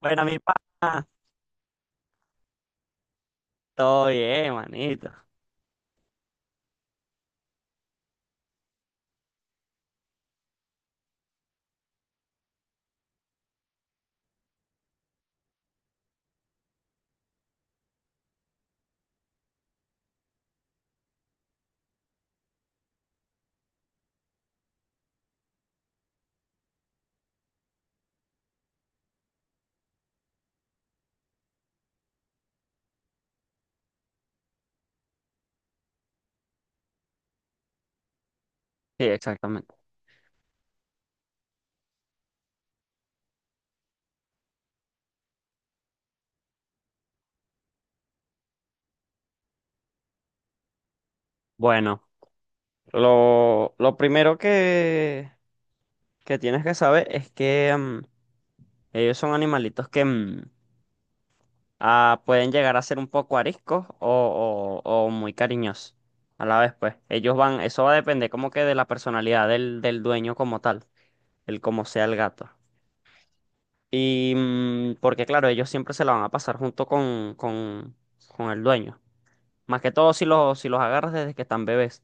Bueno, mi pana, todo bien, manito. Sí, exactamente. Bueno, lo primero que tienes que saber es que ellos son animalitos que pueden llegar a ser un poco ariscos o muy cariñosos a la vez, pues. Ellos van, eso va a depender como que de la personalidad del dueño como tal, el como sea el gato. Y porque claro, ellos siempre se la van a pasar junto con el dueño. Más que todo si los agarras desde que están bebés.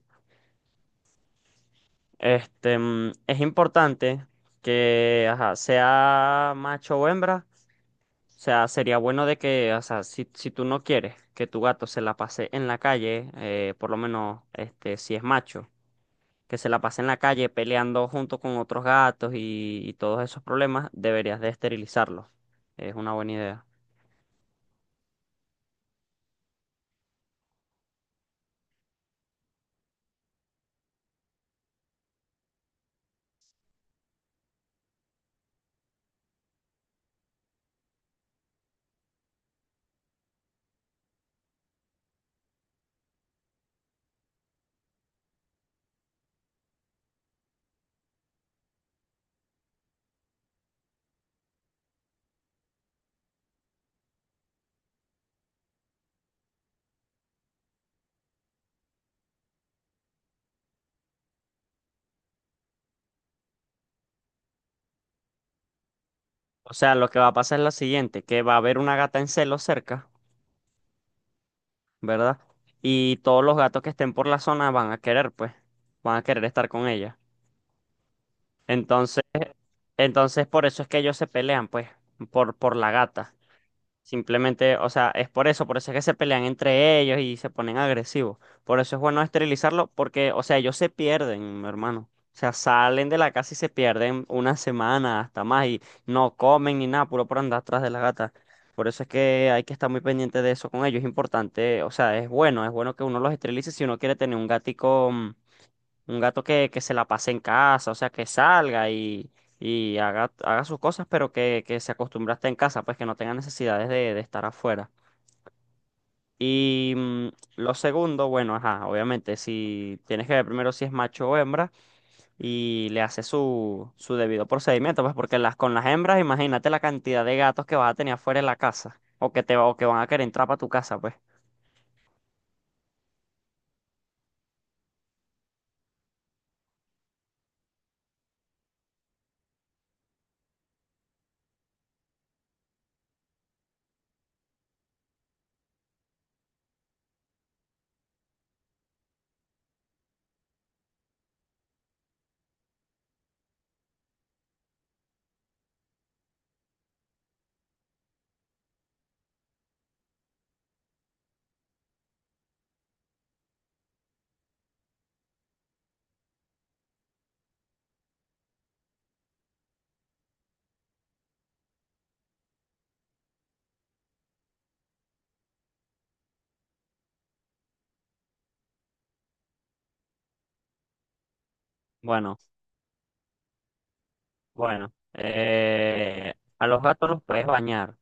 Es importante que sea macho o hembra. O sea, sería bueno de que, o sea, si tú no quieres que tu gato se la pase en la calle, por lo menos, este, si es macho, que se la pase en la calle peleando junto con otros gatos y todos esos problemas, deberías de esterilizarlo. Es una buena idea. O sea, lo que va a pasar es lo siguiente, que va a haber una gata en celo cerca. ¿Verdad? Y todos los gatos que estén por la zona van a querer, pues, van a querer estar con ella. Entonces, entonces por eso es que ellos se pelean, pues, por la gata. Simplemente, o sea, es por eso es que se pelean entre ellos y se ponen agresivos. Por eso es bueno esterilizarlo, porque, o sea, ellos se pierden, mi hermano. O sea, salen de la casa y se pierden una semana hasta más y no comen ni nada, puro por andar atrás de la gata. Por eso es que hay que estar muy pendiente de eso con ellos. Es importante, o sea, es bueno que uno los esterilice si uno quiere tener un gatico un gato que se la pase en casa, o sea, que salga y haga, haga sus cosas, pero que se acostumbre a estar en casa, pues que no tenga necesidades de estar afuera. Y lo segundo, bueno, ajá, obviamente, si tienes que ver primero si es macho o hembra y le haces su debido procedimiento, pues porque con las hembras, imagínate la cantidad de gatos que vas a tener afuera en la casa o o que van a querer entrar para tu casa, pues. Bueno, bueno, eh, a los gatos los puedes bañar.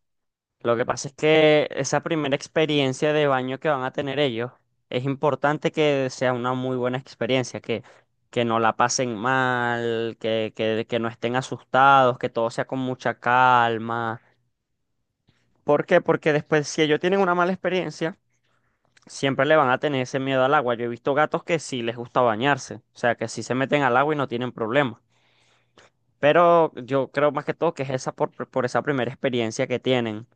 Lo que pasa es que esa primera experiencia de baño que van a tener ellos, es importante que sea una muy buena experiencia, que, no la pasen mal, que que no estén asustados, que todo sea con mucha calma. ¿Por qué? Porque después, si ellos tienen una mala experiencia, siempre le van a tener ese miedo al agua. Yo he visto gatos que sí les gusta bañarse, o sea, que sí se meten al agua y no tienen problema. Pero yo creo más que todo que es esa por esa primera experiencia que tienen.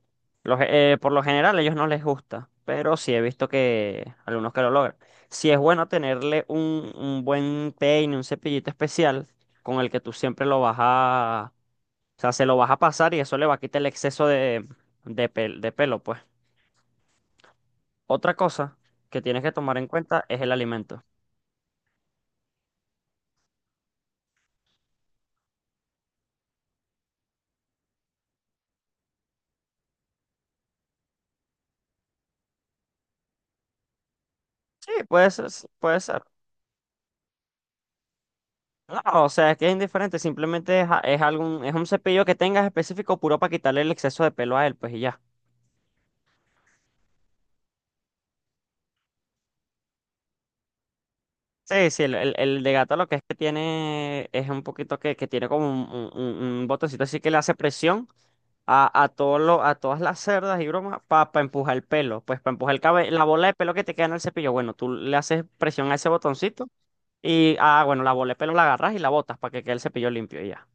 Por lo general a ellos no les gusta, pero sí he visto que algunos que lo logran. Sí es bueno tenerle un buen peine, un cepillito especial con el que tú siempre lo vas a... O sea, se lo vas a pasar y eso le va a quitar el exceso de pelo, pues. Otra cosa que tienes que tomar en cuenta es el alimento. Sí, puede ser. No, o sea, es que es indiferente, simplemente es es un cepillo que tengas específico puro para quitarle el exceso de pelo a él, pues y ya. Sí, sí, el de gato lo que es que tiene es un poquito que tiene como un botoncito así que le hace presión todo a todas las cerdas y bromas para empujar el pelo, pues para empujar la bola de pelo que te queda en el cepillo. Bueno, tú le haces presión a ese botoncito y bueno, la bola de pelo la agarras y la botas para que quede el cepillo limpio y ya.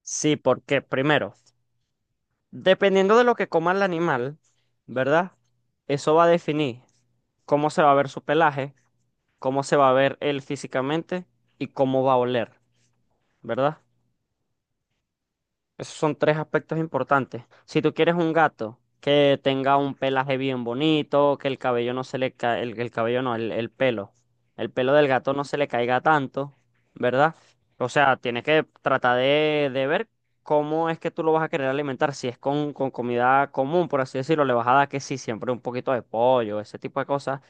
Sí, porque primero. Dependiendo de lo que coma el animal, ¿verdad? Eso va a definir cómo se va a ver su pelaje, cómo se va a ver él físicamente y cómo va a oler, ¿verdad? Esos son tres aspectos importantes. Si tú quieres un gato que tenga un pelaje bien bonito, que el cabello no se le ca- el cabello no, el pelo del gato no se le caiga tanto, ¿verdad? O sea, tienes que tratar de ver cómo es que tú lo vas a querer alimentar. Si es con comida común, por así decirlo, le vas a dar que sí, siempre un poquito de pollo, ese tipo de cosas.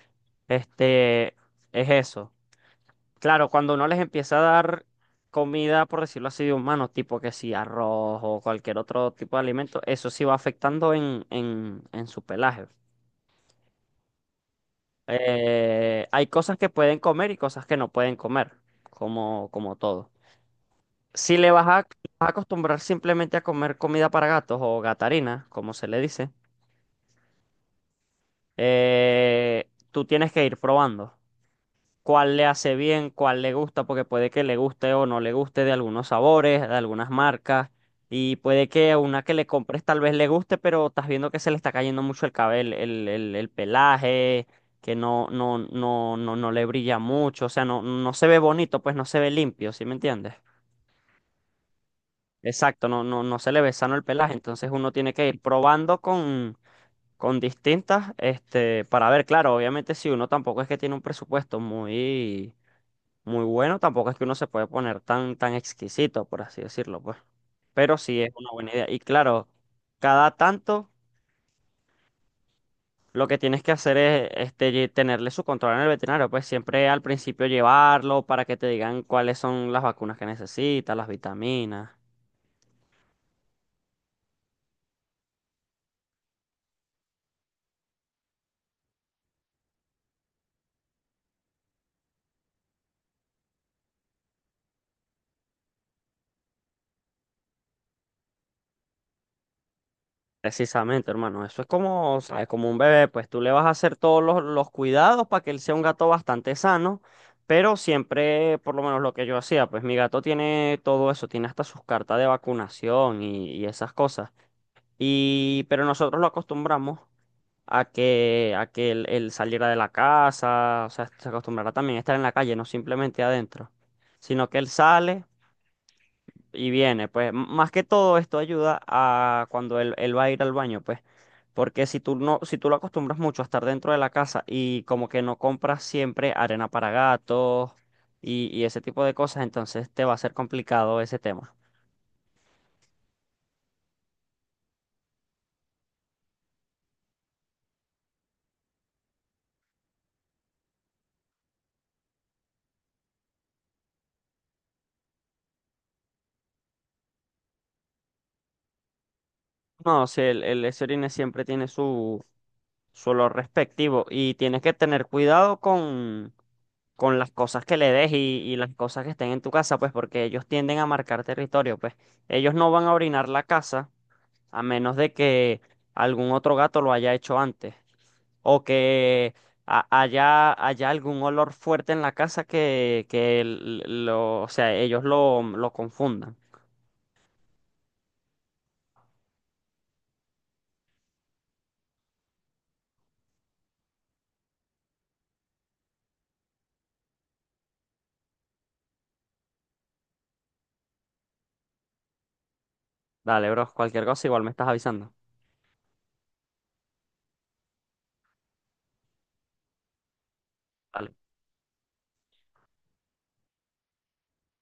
Este, es eso. Claro, cuando uno les empieza a dar comida, por decirlo así, de humano, tipo que si arroz o cualquier otro tipo de alimento, eso sí va afectando en su pelaje. Hay cosas que pueden comer y cosas que no pueden comer, como, como todo. Si le vas vas a acostumbrar simplemente a comer comida para gatos o gatarina, como se le dice, tú tienes que ir probando cuál le hace bien, cuál le gusta, porque puede que le guste o no le guste de algunos sabores, de algunas marcas, y puede que una que le compres tal vez le guste, pero estás viendo que se le está cayendo mucho el cabello, el pelaje, que no le brilla mucho, o sea, no, no se ve bonito, pues no se ve limpio, ¿sí me entiendes? Exacto, no se le ve sano el pelaje, entonces uno tiene que ir probando con distintas, este, para ver, claro, obviamente si uno tampoco es que tiene un presupuesto muy bueno, tampoco es que uno se puede poner tan, tan exquisito, por así decirlo, pues. Pero sí es una buena idea. Y claro, cada tanto lo que tienes que hacer es este, tenerle su control en el veterinario, pues siempre al principio llevarlo para que te digan cuáles son las vacunas que necesita, las vitaminas. Precisamente, hermano, eso es como, ¿sabes? Como un bebé, pues tú le vas a hacer todos los cuidados para que él sea un gato bastante sano, pero siempre, por lo menos lo que yo hacía, pues mi gato tiene todo eso, tiene hasta sus cartas de vacunación y esas cosas. Y, pero nosotros lo acostumbramos a que él saliera de la casa, o sea, se acostumbrara también a estar en la calle, no simplemente adentro, sino que él sale y viene, pues más que todo esto ayuda a cuando él va a ir al baño, pues, porque si tú lo acostumbras mucho a estar dentro de la casa y como que no compras siempre arena para gatos y ese tipo de cosas, entonces te va a ser complicado ese tema. No, si el ese orine siempre tiene su, su olor respectivo y tienes que tener cuidado con las cosas que le des y las cosas que estén en tu casa, pues, porque ellos tienden a marcar territorio, pues, ellos no van a orinar la casa a menos de que algún otro gato lo haya hecho antes, o que haya algún olor fuerte en la casa que, o sea, ellos lo confundan. Dale, bro, cualquier cosa igual me estás avisando. Dale.